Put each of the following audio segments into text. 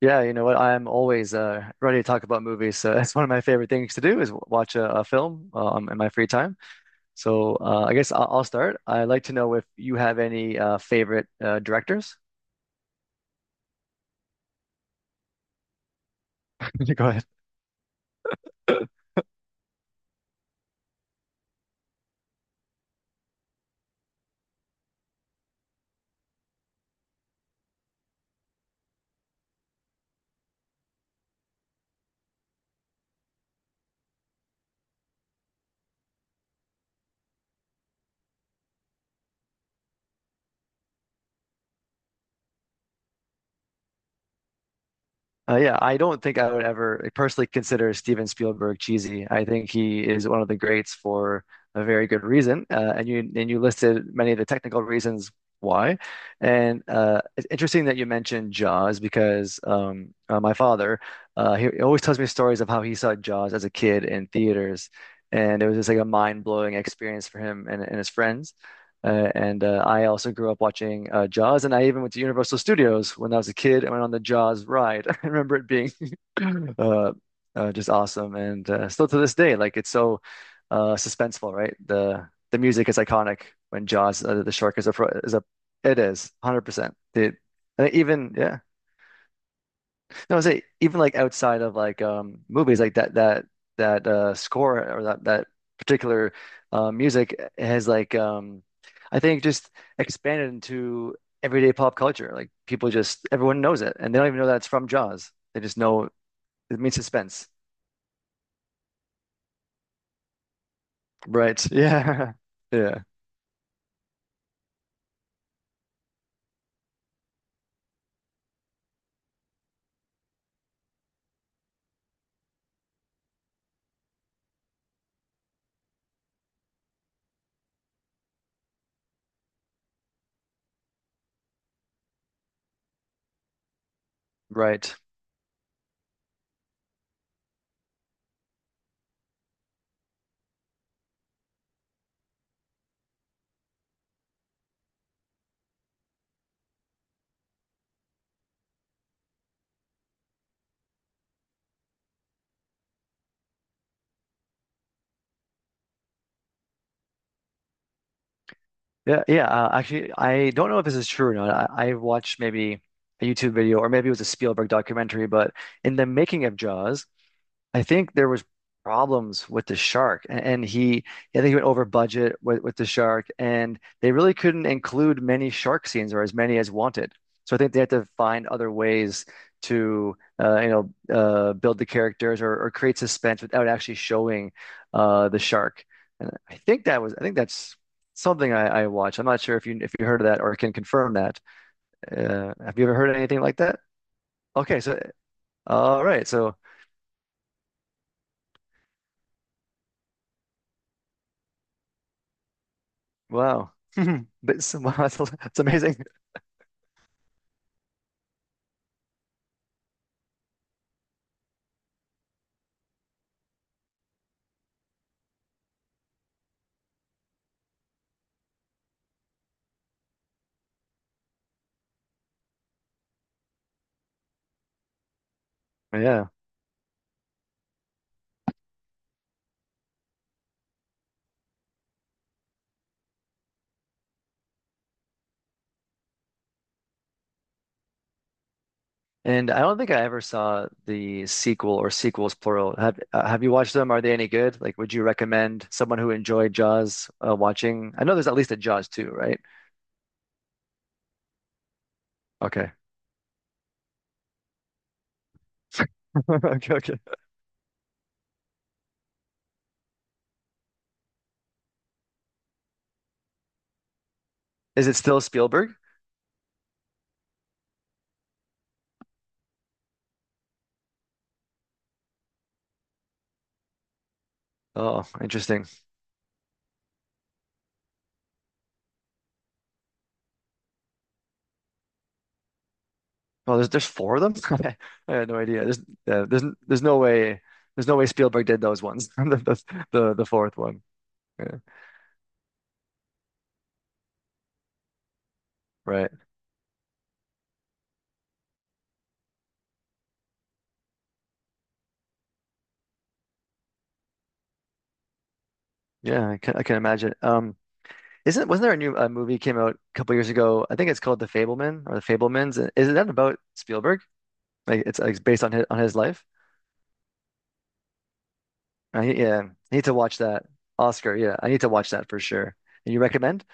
Yeah, you know what? I'm always ready to talk about movies. So that's one of my favorite things to do is watch a film in my free time. So I guess I'll start. I'd like to know if you have any favorite directors. Go ahead. Yeah, I don't think I would ever, like, personally consider Steven Spielberg cheesy. I think he is one of the greats for a very good reason, and you listed many of the technical reasons why. And it's interesting that you mentioned Jaws because my father he always tells me stories of how he saw Jaws as a kid in theaters, and it was just like a mind-blowing experience for him and his friends. And I also grew up watching Jaws, and I even went to Universal Studios when I was a kid. I went on the Jaws ride. I remember it being uh, just awesome, and still to this day, like it's so suspenseful, right? The music is iconic when Jaws, the shark is a it is 100%. The and even yeah, no, I say, even like outside of like movies like that score or that particular music has like I think just expanded into everyday pop culture. Like people just, everyone knows it and they don't even know that it's from Jaws. They just know it means suspense. Right. Yeah. Yeah. Right. Yeah. Yeah. Actually, I don't know if this is true or not. I watched maybe a YouTube video, or maybe it was a Spielberg documentary, but in the making of Jaws, I think there was problems with the shark, I think he went over budget with the shark, and they really couldn't include many shark scenes, or as many as wanted. So I think they had to find other ways build the characters or create suspense without actually showing the shark. And I think that's something I watched. I'm not sure if you heard of that or can confirm that. Have you ever heard anything like that? Okay, so, all right, so. Wow. Wow, that's amazing. Yeah. And I don't think I ever saw the sequel, or sequels plural. Have you watched them? Are they any good? Like, would you recommend someone who enjoyed Jaws watching? I know there's at least a Jaws 2, right? Okay. Okay, okay. Is it still Spielberg? Oh, interesting. Well, there's four of them. I had no idea. There's there's no way, there's no way Spielberg did those ones. The fourth one. Yeah. Right. Yeah, I can, I can imagine. Isn't wasn't there a new movie came out a couple years ago? I think it's called The Fableman, or The Fablemans. Isn't that about Spielberg? Like, it's based on his, on his life. Yeah, I need to watch that. Oscar, yeah, I need to watch that for sure. And you recommend?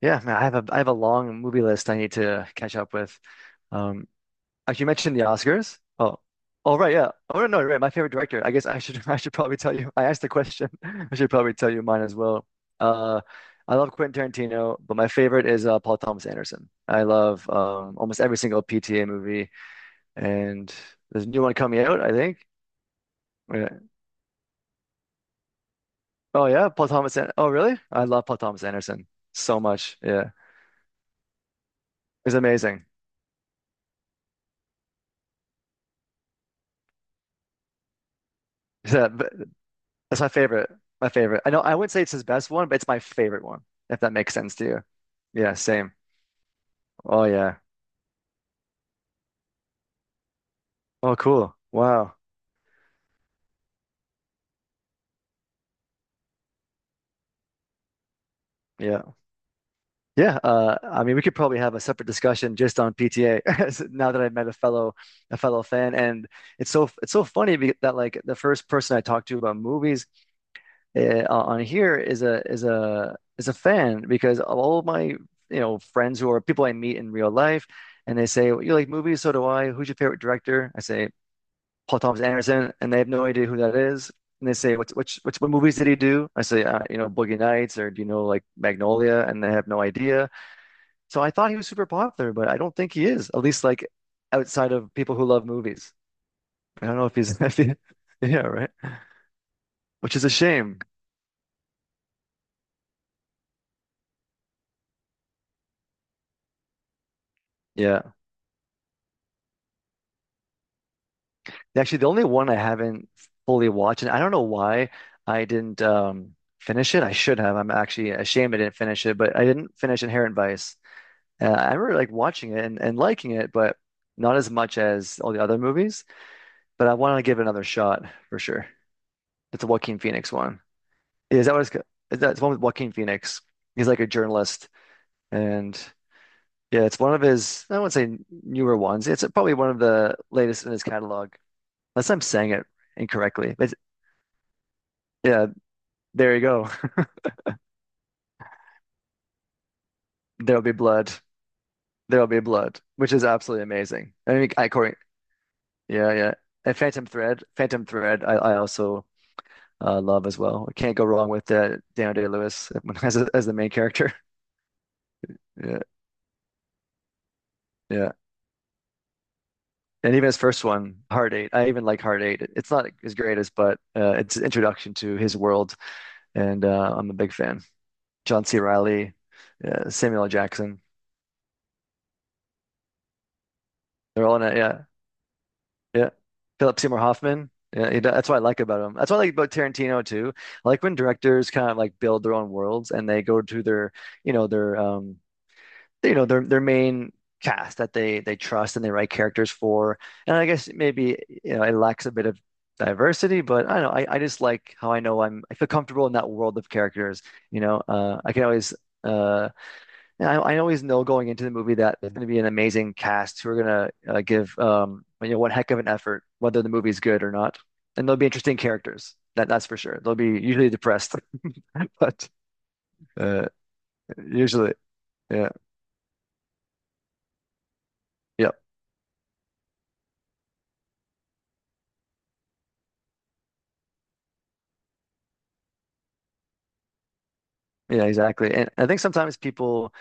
Yeah, man, I have a, I have a long movie list I need to catch up with. Um, Actually, you mentioned the Oscars. Oh, oh right, yeah. Oh no, you're right. My favorite director. I guess I should I should probably tell you. I asked the question. I should probably tell you mine as well. Uh, I love Quentin Tarantino, but my favorite is Paul Thomas Anderson. I love almost every single PTA movie, and there's a new one coming out, I think. Yeah. Oh yeah, Paul Thomas. An, oh really? I love Paul Thomas Anderson so much. Yeah, it's amazing. Yeah, but that's my favorite. My favorite. I know I wouldn't say it's his best one, but it's my favorite one. If that makes sense to you. Yeah, same. Oh yeah. Oh cool. Wow. Yeah. Yeah. I mean, we could probably have a separate discussion just on PTA, now that I've met a fellow, a fellow fan, and it's so funny that like the first person I talked to about movies on here is a is a is a fan, because of all of my, you know, friends who are people I meet in real life, and they say, "Well, you like movies? So do I. Who's your favorite director?" I say, Paul Thomas Anderson, and they have no idea who that is. And they say, "What's which what movies did he do?" I say, "You know, Boogie Nights, or do you know, like, Magnolia?" And they have no idea. So I thought he was super popular, but I don't think he is. At least, like, outside of people who love movies. I don't know if he's if he, yeah, right. Which is a shame. Yeah. Actually, the only one I haven't fully watched, and I don't know why I didn't finish it. I should have. I'm actually ashamed I didn't finish it, but I didn't finish Inherent Vice. I remember like watching it and liking it, but not as much as all the other movies. But I want to give it another shot for sure. It's a Joaquin Phoenix one. Yeah, is that, it's one with Joaquin Phoenix? He's like a journalist, and yeah, it's one of his. I wouldn't say newer ones. It's probably one of the latest in his catalog, unless I'm saying it incorrectly. But yeah, there you go. There'll be blood. There'll be blood, which is absolutely amazing. I mean, I Corey, yeah, yeah. And Phantom Thread, I also love as well. I can't go wrong with Daniel Day-Lewis as a, as the main character. Yeah, yeah. And even his first one, Heart Eight. I even like Heart Eight. It's not his greatest, but it's an introduction to his world, and I'm a big fan. John C. Riley, Samuel L. Jackson. They're all in it. Yeah, yeah. Philip Seymour Hoffman. Yeah, that's what I like about him. That's what I like about Tarantino too. I like when directors kind of like build their own worlds and they go to their, you know, their you know, their main cast that they trust and they write characters for. And I guess maybe, you know, it lacks a bit of diversity, but I don't know. I just like how I know I feel comfortable in that world of characters. You know, I can always uh, and I always know going into the movie that it's going to be an amazing cast who are going to give you know, one heck of an effort, whether the movie's good or not. And they'll be interesting characters. That's for sure. They'll be usually depressed, but uh, usually, yeah. Yeah, yeah, exactly. And I think sometimes people,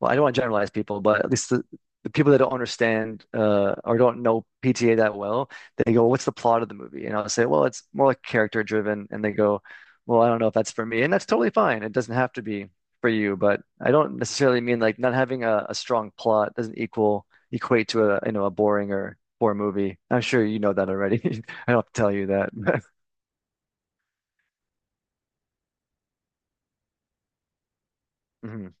well, I don't want to generalize people, but at least the people that don't understand or don't know PTA that well, they go, "Well, what's the plot of the movie?" And I'll say, "Well, it's more like character driven." And they go, "Well, I don't know if that's for me," and that's totally fine. It doesn't have to be for you, but I don't necessarily mean like not having a strong plot doesn't equal equate to a, you know, a boring or poor movie. I'm sure you know that already. I don't have to tell you that. Mhm.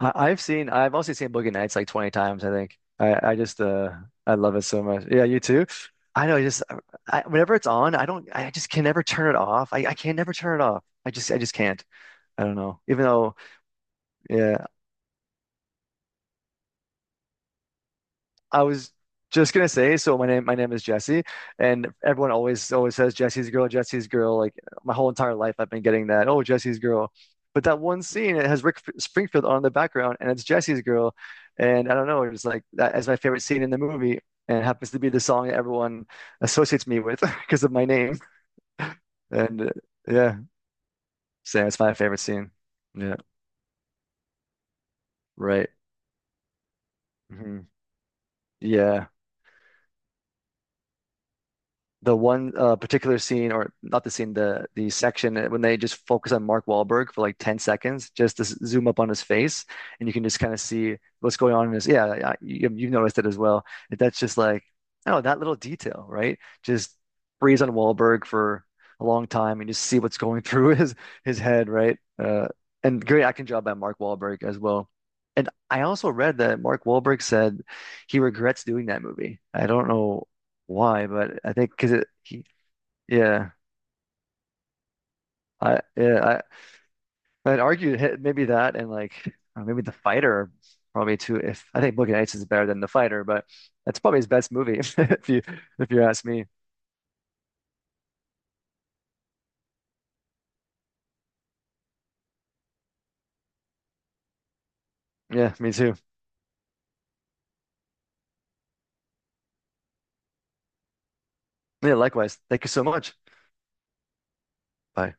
I've also seen Boogie Nights like 20 times, I think. I love it so much. Yeah, you too. I know, just, I, whenever it's on, I don't, I just can never turn it off. I can never turn it off. I just can't. I don't know. Even though, yeah. I was just gonna say, so my name is Jesse, and everyone always says Jesse's girl, Jesse's girl. Like my whole entire life, I've been getting that. Oh, Jesse's girl. But that one scene, it has Springfield on the background, and it's Jesse's girl. And I don't know, it's like that is my favorite scene in the movie, and it happens to be the song that everyone associates me with because of my name. And yeah, so it's my favorite scene. Yeah, right. hmm Yeah. The one particular scene, or not the scene, the section when they just focus on Mark Wahlberg for like 10 seconds, just to zoom up on his face, and you can just kind of see what's going on in his. Yeah, you, you've noticed it as well. That's just like, oh, that little detail, right? Just freeze on Wahlberg for a long time and just see what's going through his head, right? And great acting job by Mark Wahlberg as well. And I also read that Mark Wahlberg said he regrets doing that movie. I don't know why, but I think because yeah, yeah, I, I'd argue maybe that and like maybe The Fighter probably too. If I think Boogie Nights is better than The Fighter, but that's probably his best movie if you ask me. Yeah, me too. Yeah, likewise. Thank you so much. Bye.